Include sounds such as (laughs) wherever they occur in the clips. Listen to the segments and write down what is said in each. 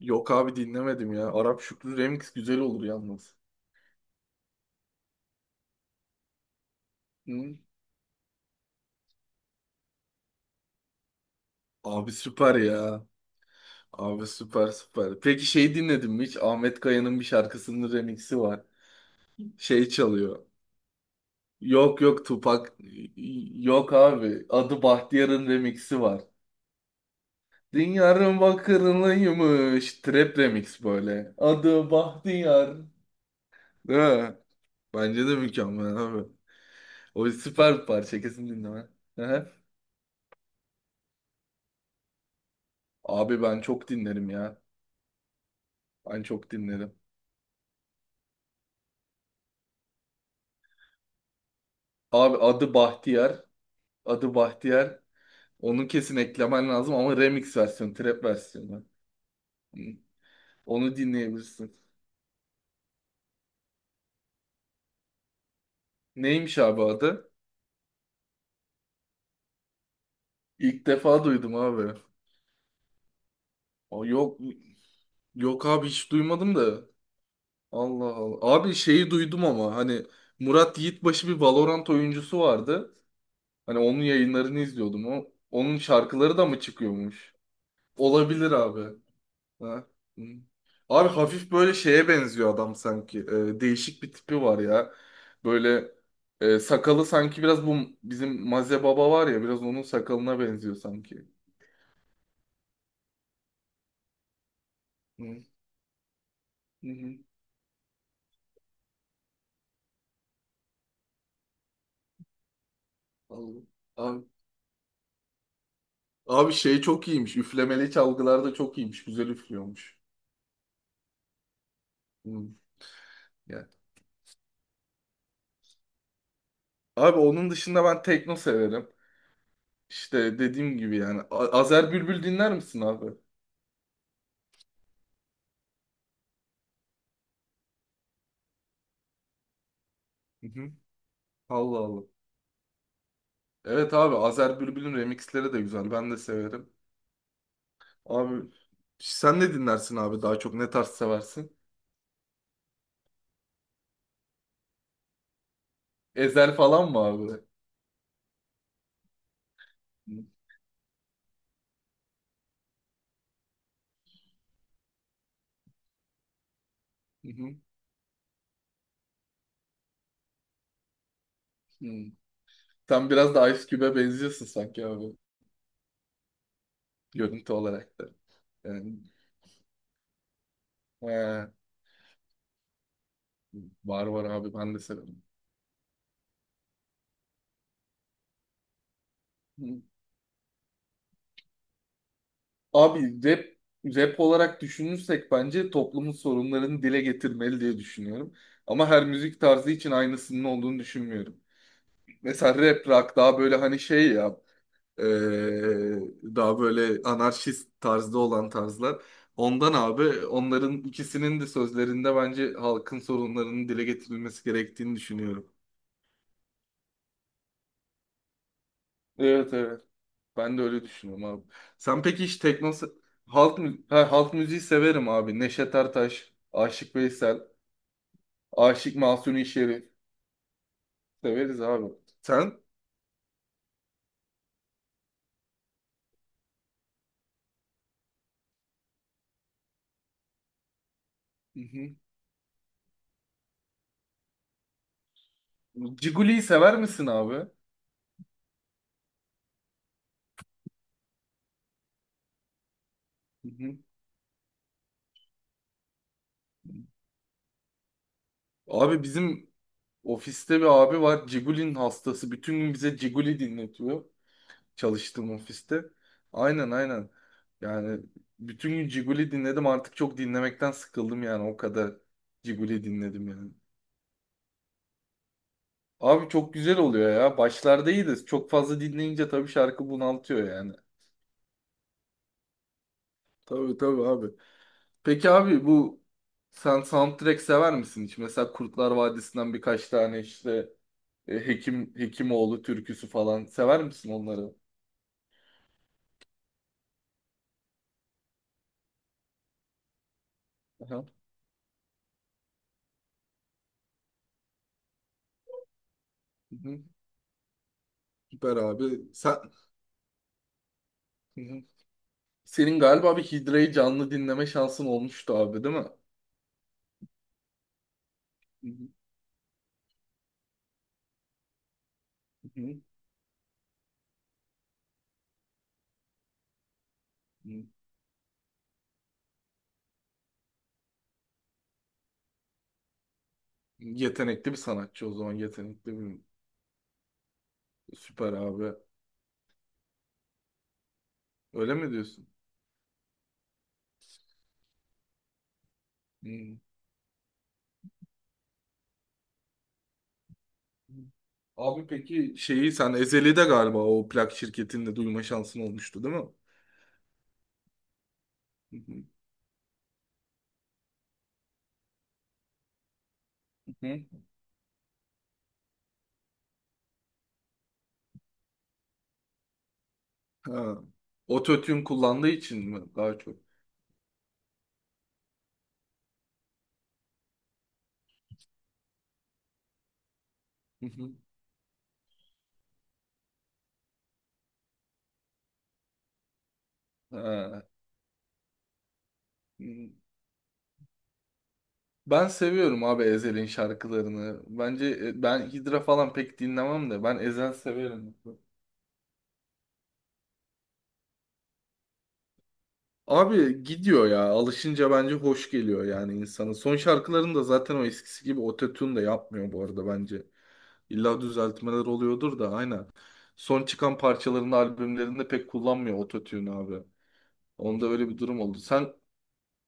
Yok abi dinlemedim ya. Arap Şükrü remix güzel olur yalnız. Hı? Abi süper ya. Abi süper süper. Peki şey dinledin mi hiç? Ahmet Kaya'nın bir şarkısının remixi var. Şey çalıyor. Yok yok Tupak. Yok abi. Adı Bahtiyar'ın remixi var. Diyarın bakırlıymış. Trap remix böyle. Adı Bahtiyar. Değil mi? Bence de mükemmel abi. O süper bir parça kesin dinleme. Hı hı. Abi ben çok dinlerim ya. Ben çok dinledim. Abi adı Bahtiyar. Adı Bahtiyar. Onu kesin eklemen lazım ama remix versiyonu, trap versiyonu. Hı. Onu dinleyebilirsin. Neymiş abi adı? İlk defa duydum abi. O yok yok abi hiç duymadım da. Allah Allah. Abi şeyi duydum ama hani Murat Yiğitbaşı bir Valorant oyuncusu vardı. Hani onun yayınlarını izliyordum. O, onun şarkıları da mı çıkıyormuş? Olabilir abi. Ha. hı. Abi hafif böyle şeye benziyor adam sanki. Değişik bir tipi var ya. Böyle sakalı sanki biraz bu bizim Maze Baba var ya biraz onun sakalına benziyor sanki. Hı. Hı hı. Vallahi. Abi, abi, şey çok iyiymiş. Üflemeli çalgılarda çok iyiymiş. Güzel üflüyormuş. Hı. Yani. Abi onun dışında ben tekno severim. İşte dediğim gibi yani. Azer Bülbül dinler misin abi? Hı hı. Allah Allah. Evet abi Azer Bülbül'ün remixleri de güzel. Ben de severim. Abi sen ne dinlersin abi daha çok ne tarz seversin? Ezel falan mı abi? Hı hı. Hı. Sen biraz da Ice Cube'e benziyorsun sanki abi görüntü olarak da. Yani he, var var abi ben de severim. Hı. Abi rap olarak düşünürsek bence toplumun sorunlarını dile getirmeli diye düşünüyorum. Ama her müzik tarzı için aynısının olduğunu düşünmüyorum. Mesela rap rock daha böyle hani şey ya Ee, daha böyle anarşist tarzda olan tarzlar. Ondan abi onların ikisinin de sözlerinde bence halkın sorunlarının dile getirilmesi gerektiğini düşünüyorum. Evet evet. Ben de öyle düşünüyorum abi. Sen peki hiç tekno halk müziği severim abi. Neşet Ertaş, Aşık Veysel, Aşık Mahzuni Şerif severiz abi. Sen? Hı hı. Ciguli'yi sever misin abi? Hı hı. Abi bizim ofiste bir abi var. Cigulin hastası. Bütün gün bize Ciguli dinletiyor. Çalıştığım ofiste. Aynen aynen. Yani bütün gün Ciguli dinledim. Artık çok dinlemekten sıkıldım yani. O kadar Ciguli dinledim yani. Abi çok güzel oluyor ya. Başlarda iyiydi. Çok fazla dinleyince tabii şarkı bunaltıyor yani. Tabii tabii abi. Peki abi bu sen soundtrack sever misin hiç? Mesela Kurtlar Vadisi'nden birkaç tane işte Hekim Hekimoğlu türküsü falan sever misin onları? Hı hı. Süper abi. Sen, Hı hı. Senin galiba bir Hidra'yı canlı dinleme şansın olmuştu abi değil mi? Hı hı. Hı hı. Yetenekli bir sanatçı o zaman yetenekli bir süper abi. Öyle mi diyorsun? Hı hı. Abi peki şeyi sen Ezeli'de galiba o plak şirketinde duyma şansın olmuştu değil mi? Hı hı. Hı. Ha. Ototune kullandığı için mi daha çok? Hı hı. Ha. Hı. Ben seviyorum abi Ezel'in şarkılarını. Bence ben Hidra falan pek dinlemem de ben Ezel severim. Abi gidiyor ya. Alışınca bence hoş geliyor yani insana. Son şarkılarını da zaten o eskisi gibi ototune da yapmıyor bu arada bence. İlla düzeltmeler oluyordur da aynen. Son çıkan parçalarını albümlerinde pek kullanmıyor ototune abi. Onda öyle bir durum oldu. Sen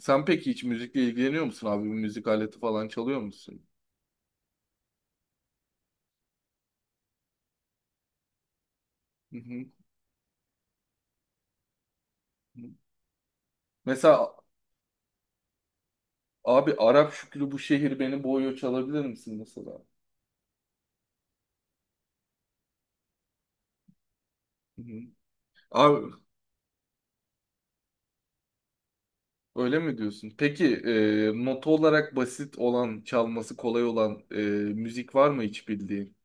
sen peki hiç müzikle ilgileniyor musun abi? Bir müzik aleti falan çalıyor musun? Hı hı. Mesela abi Arap Şükrü bu şehir beni boğuyor çalabilir misin mesela? Hı hı. Abi öyle mi diyorsun? Peki nota olarak basit olan, çalması kolay olan müzik var mı hiç bildiğin?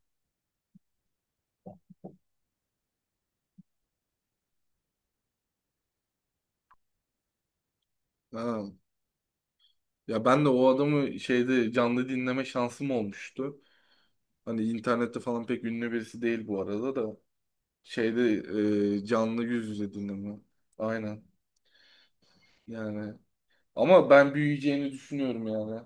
Ha. Ya ben de o adamı şeyde canlı dinleme şansım olmuştu. Hani internette falan pek ünlü birisi değil bu arada da. Şeyde canlı yüz yüze dinleme. Aynen. Yani ama ben büyüyeceğini düşünüyorum yani.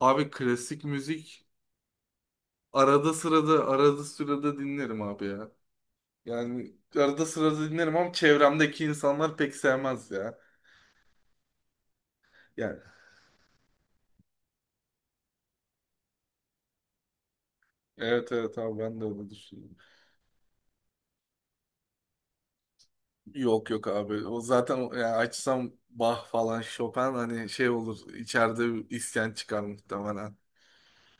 Abi klasik müzik arada sırada, arada sırada dinlerim abi ya. Yani arada sırada dinlerim ama çevremdeki insanlar pek sevmez ya. Yani evet evet abi ben de öyle düşünüyorum. Yok yok abi. O zaten yani açsam Bach falan Chopin hani şey olur içeride bir isyan çıkar muhtemelen.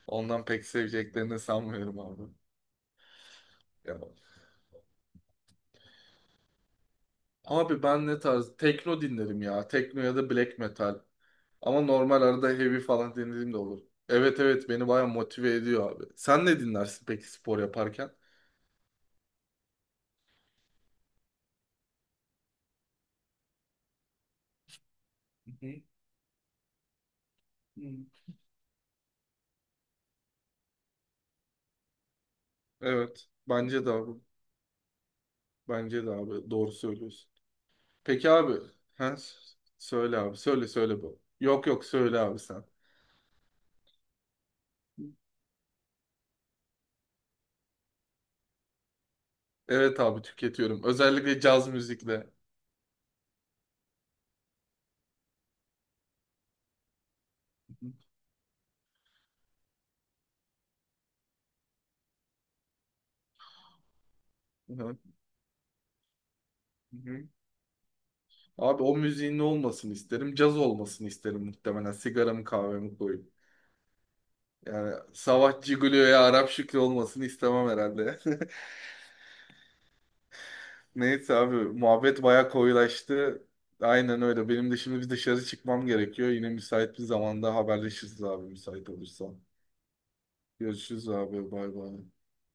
Ondan pek seveceklerini sanmıyorum abi. Ya. Abi ben ne tarz? Tekno dinlerim ya. Tekno ya da black metal. Ama normal arada heavy falan dinlediğim de olur. Evet evet beni baya motive ediyor abi. Sen ne dinlersin peki spor yaparken? Hı hı. Evet. Bence de abi. Bence de abi. Doğru söylüyorsun. Peki abi. He? Söyle abi. Söyle söyle bu. Yok yok söyle abi sen. Evet abi tüketiyorum. Özellikle caz müzikle. Hı. Hı hı. Hı. Abi o müziğin ne olmasını isterim? Caz olmasını isterim muhtemelen. Sigaramı kahvemi koyup. Yani Savaş Cigolo'ya Arap Şükrü olmasını istemem herhalde. (laughs) Neyse abi muhabbet bayağı koyulaştı. Aynen öyle. Benim de şimdi bir dışarı çıkmam gerekiyor. Yine müsait bir zamanda haberleşiriz abi müsait olursa. Görüşürüz abi. Bay bay.